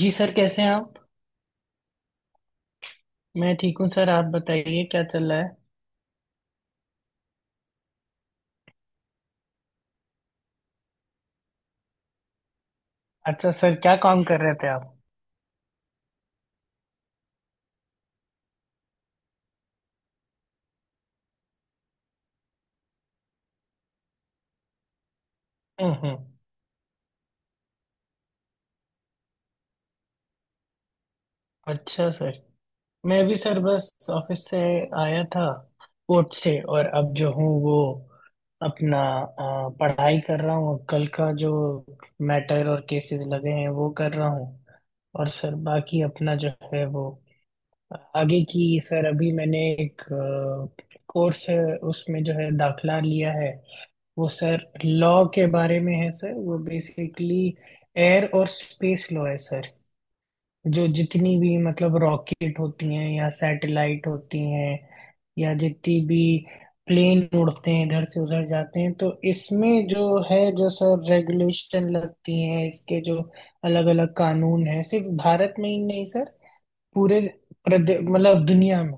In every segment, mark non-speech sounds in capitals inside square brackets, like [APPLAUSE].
जी sir, कैसे हैं आप? मैं ठीक हूँ सर। आप बताइए क्या चल रहा है? अच्छा सर, क्या काम कर रहे थे आप? हम्म। अच्छा सर, मैं भी सर बस ऑफिस से आया था, कोर्ट से। और अब जो हूँ वो अपना पढ़ाई कर रहा हूँ, कल का जो मैटर और केसेस लगे हैं वो कर रहा हूँ। और सर बाकी अपना जो है वो आगे की, सर अभी मैंने एक कोर्स है उसमें जो है दाखला लिया है। वो सर लॉ के बारे में है सर, वो बेसिकली एयर और स्पेस लॉ है सर। जो जितनी भी मतलब रॉकेट होती हैं या सैटेलाइट होती हैं, या जितनी भी प्लेन उड़ते हैं इधर से उधर जाते हैं, तो इसमें जो है जो सर रेगुलेशन लगती हैं, इसके जो अलग अलग कानून हैं, सिर्फ भारत में ही नहीं सर, पूरे मतलब दुनिया में।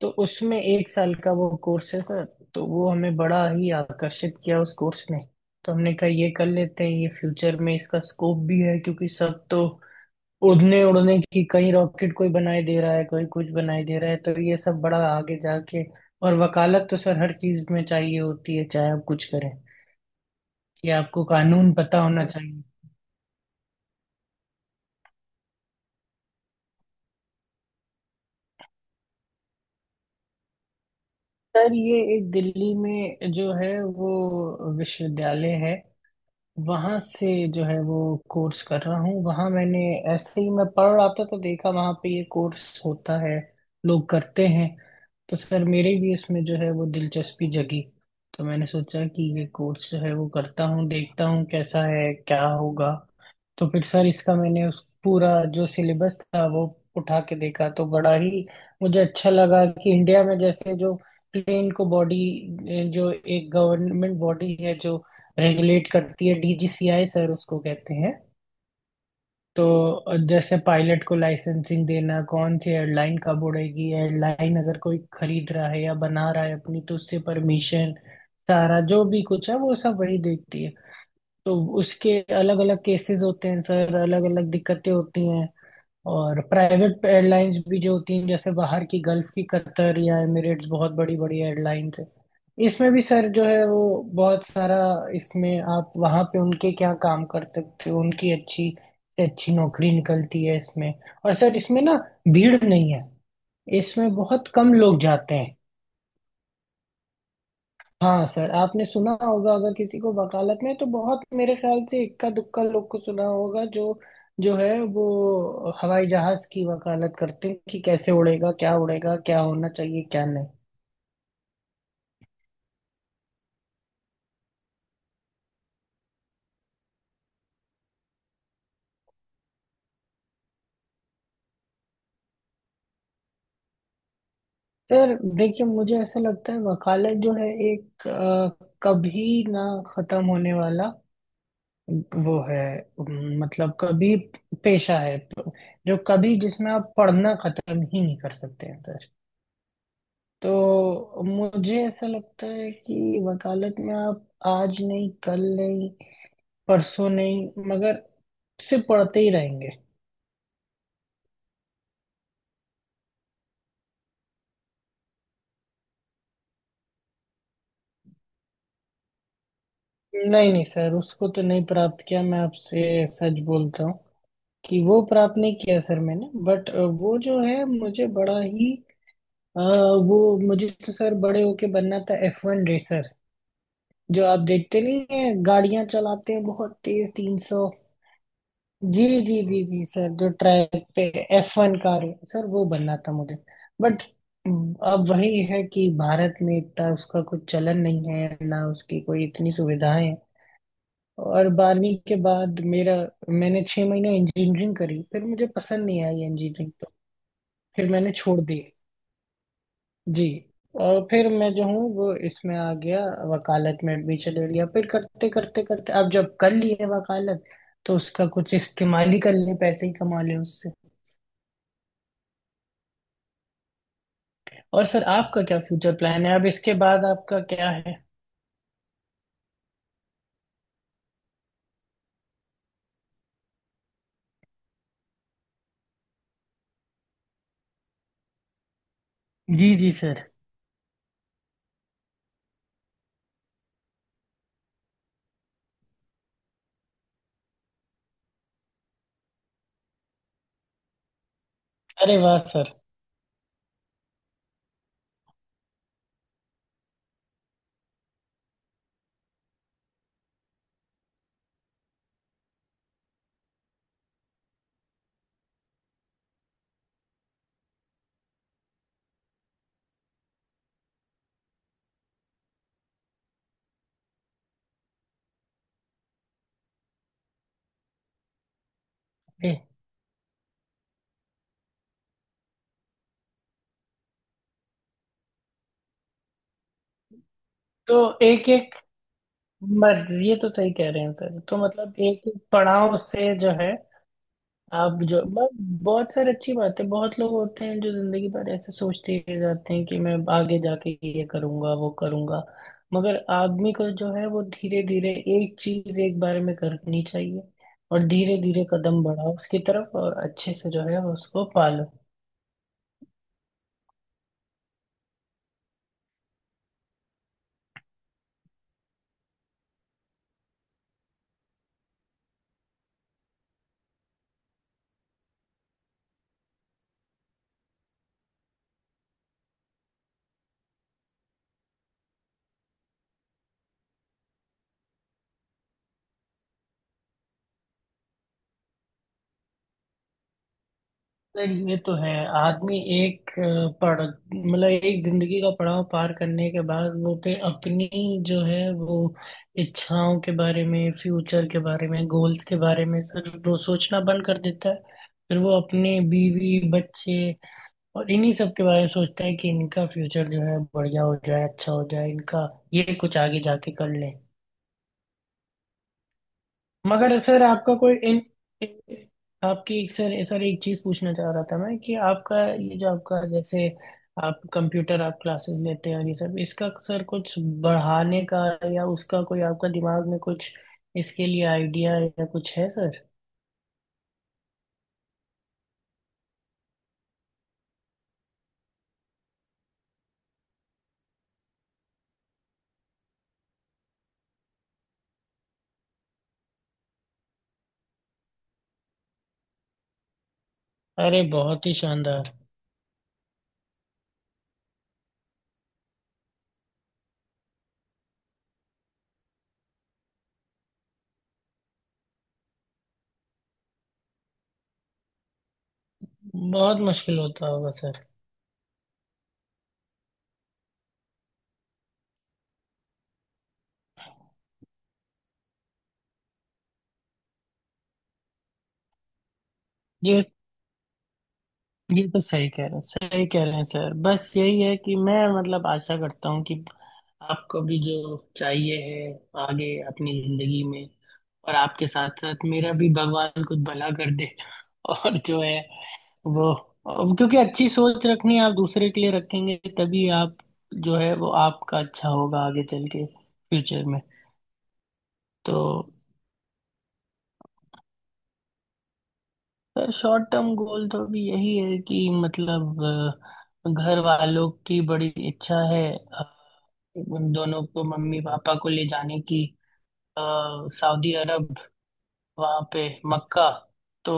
तो उसमें एक साल का वो कोर्स है सर। तो वो हमें बड़ा ही आकर्षित किया उस कोर्स ने। तो हमने कहा ये कर लेते हैं, ये फ्यूचर में इसका स्कोप भी है, क्योंकि सब तो उड़ने उड़ने की, कहीं रॉकेट कोई बनाई दे रहा है, कोई कुछ बनाई दे रहा है, तो ये सब बड़ा आगे जाके। और वकालत तो सर हर चीज में चाहिए होती है, चाहे आप कुछ करें, कि आपको कानून पता होना चाहिए। सर ये एक दिल्ली में जो है वो विश्वविद्यालय है, वहां से जो है वो कोर्स कर रहा हूँ। वहां मैंने ऐसे ही मैं पढ़ रहा था तो देखा वहां पे ये कोर्स होता है, लोग करते हैं। तो सर मेरे भी इसमें जो है वो दिलचस्पी जगी। तो मैंने सोचा कि ये कोर्स जो है वो करता हूँ, देखता हूँ कैसा है क्या होगा। तो फिर सर इसका मैंने उस पूरा जो सिलेबस था वो उठा के देखा तो बड़ा ही मुझे अच्छा लगा कि इंडिया में जैसे जो प्लेन को बॉडी, जो एक गवर्नमेंट बॉडी है जो रेगुलेट करती है, डीजीसीआई सर उसको कहते हैं। तो जैसे पायलट को लाइसेंसिंग देना, कौन सी एयरलाइन कब उड़ेगी, एयरलाइन अगर कोई खरीद रहा है या बना रहा है अपनी तो उससे परमिशन, सारा जो भी कुछ है वो सब वही देखती है। तो उसके अलग अलग केसेस होते हैं सर, अलग अलग दिक्कतें होती हैं। और प्राइवेट एयरलाइंस भी जो होती हैं जैसे बाहर की, गल्फ की, कतर या एमिरेट्स बहुत बड़ी बड़ी एयरलाइंस है। इसमें भी सर जो है वो बहुत सारा इसमें, आप वहाँ पे उनके क्या काम कर सकते हो, उनकी अच्छी से अच्छी नौकरी निकलती है इसमें। और सर इसमें ना, भीड़ नहीं है, इसमें बहुत कम लोग जाते हैं। हाँ सर, आपने सुना होगा अगर किसी को वकालत में तो बहुत, मेरे ख्याल से इक्का दुक्का लोग को सुना होगा जो जो है वो हवाई जहाज की वकालत करते हैं, कि कैसे उड़ेगा क्या होना चाहिए क्या नहीं। सर देखिए, मुझे ऐसा लगता है वकालत जो है एक कभी ना खत्म होने वाला वो है। मतलब कभी पेशा है, जो कभी जिसमें आप पढ़ना खत्म ही नहीं कर सकते हैं सर। तो मुझे ऐसा लगता है कि वकालत में आप आज नहीं, कल नहीं, परसों नहीं, मगर सिर्फ पढ़ते ही रहेंगे। नहीं नहीं सर, उसको तो नहीं प्राप्त किया, मैं आपसे सच बोलता हूँ कि वो प्राप्त नहीं किया सर मैंने। बट वो जो है मुझे बड़ा ही अ, वो, मुझे तो सर बड़े होके बनना था F1 रेसर। जो आप देखते नहीं हैं, गाड़ियां चलाते हैं बहुत तेज, 300। जी जी जी जी सर, जो ट्रैक पे F1 कार है सर, वो बनना था मुझे। बट अब वही है कि भारत में इतना उसका कुछ चलन नहीं है ना, उसकी कोई इतनी सुविधाएं हैं। और 12वीं के बाद मेरा, मैंने 6 महीने इंजीनियरिंग करी फिर मुझे पसंद नहीं आई इंजीनियरिंग, तो फिर मैंने छोड़ दी, जी। और फिर मैं जो हूँ वो इसमें आ गया, वकालत में एडमिशन ले लिया, फिर करते करते करते अब जब कर लिए वकालत, तो उसका कुछ इस्तेमाल ही कर ले, पैसे ही कमा ले उससे। और सर आपका क्या फ्यूचर प्लान है, अब इसके बाद आपका क्या है? जी जी सर। अरे वाह सर। ए, तो एक एक मर्ज, ये तो सही कह रहे हैं सर, तो मतलब एक एक पड़ाव से जो है। आप जो बहुत सारी अच्छी बात है, बहुत लोग होते हैं जो जिंदगी भर ऐसे सोचते ही रहते हैं कि मैं आगे जाके ये करूंगा वो करूंगा। मगर आदमी को जो है वो धीरे धीरे एक चीज एक बार में करनी चाहिए, और धीरे धीरे कदम बढ़ाओ उसकी तरफ और अच्छे से जो है उसको पालो। सर ये तो है, आदमी एक अ, पढ़ मतलब एक जिंदगी का पड़ाव पार करने के बाद वो पे अपनी जो है वो इच्छाओं के बारे में, फ्यूचर के बारे में, गोल्स के बारे में सर, वो सोचना बंद कर देता है। फिर वो अपने बीवी बच्चे और इन्हीं सब के बारे में सोचता है, कि इनका फ्यूचर जो है बढ़िया हो जाए, अच्छा हो जाए इनका, ये कुछ आगे जाके कर लें। मगर सर आपका कोई इन, इन- आपकी सर, एक चीज पूछना चाह रहा था मैं, कि आपका ये जो आपका, जैसे आप कंप्यूटर, आप क्लासेस लेते हैं और ये सब इसका सर कुछ बढ़ाने का, या उसका कोई आपका दिमाग में कुछ इसके लिए आइडिया या कुछ है सर? अरे बहुत ही शानदार। बहुत मुश्किल होता होगा सर। ये ये तो सही कह रहे हैं, सही कह रहे हैं सर, बस यही है कि मैं मतलब आशा करता हूँ कि आपको भी जो चाहिए है आगे अपनी जिंदगी में। और आपके साथ साथ मेरा भी भगवान कुछ भला कर दे [LAUGHS] और जो है वो, क्योंकि अच्छी सोच रखनी, आप दूसरे के लिए रखेंगे तभी आप जो है वो आपका अच्छा होगा आगे चल के फ्यूचर में। तो सर शॉर्ट टर्म गोल तो अभी यही है कि मतलब, घर वालों की बड़ी इच्छा है, उन दोनों को, मम्मी पापा को ले जाने की, अ, सऊदी अरब, वहाँ पे मक्का, तो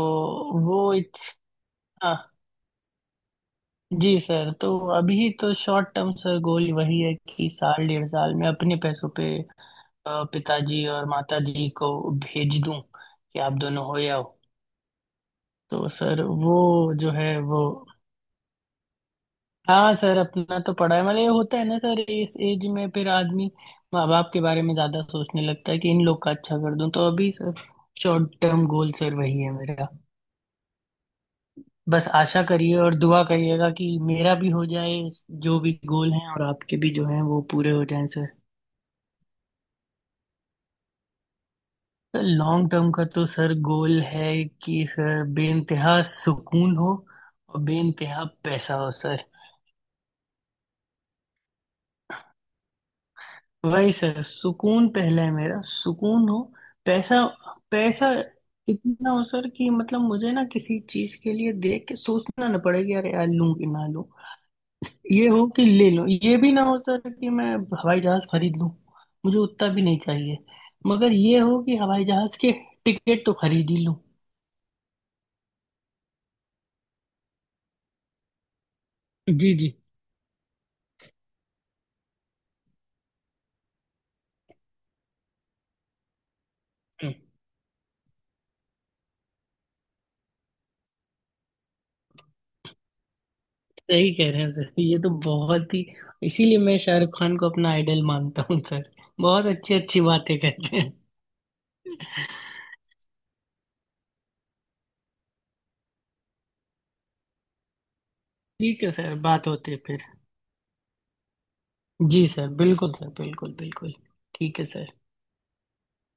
वो इच्छा। जी सर, तो अभी तो शॉर्ट टर्म सर गोल वही है कि साल 1.5 साल में अपने पैसों पे पिताजी और माताजी को भेज दूं कि आप दोनों हो जाओ। तो सर वो जो है वो, हाँ सर, अपना तो पढ़ा है, मतलब ये होता है ना सर इस एज में फिर आदमी माँ बाप के बारे में ज्यादा सोचने लगता है, कि इन लोग का अच्छा कर दूं, तो अभी sir short term goal sir वही है मेरा। बस आशा करिए और दुआ करिएगा कि मेरा भी हो जाए जो भी गोल हैं, और आपके भी जो हैं वो पूरे हो जाएं सर। सर लॉन्ग टर्म का तो सर गोल है कि सर बेइंतहा सुकून हो और बेइंतहा पैसा हो सर। वही सर, सुकून पहला है, मेरा सुकून हो। पैसा। पैसा इतना हो सर कि मतलब मुझे ना किसी चीज के लिए देख के सोचना ना पड़े कि अरे यार लूं कि ना लूं। ये हो कि ले लूं, ये भी ना हो सर कि मैं हवाई जहाज खरीद लूं, मुझे उतना भी नहीं चाहिए। मगर ये हो कि हवाई जहाज के टिकट तो खरीद ही लूं। जी जी। हम्म। सही कह रहे हैं सर, ये तो बहुत ही, इसीलिए मैं शाहरुख खान को अपना आइडल मानता हूँ सर, बहुत अच्छी अच्छी बातें कहते हैं। ठीक है सर, बात होती है फिर। जी सर बिल्कुल सर, बिल्कुल बिल्कुल। ठीक है सर।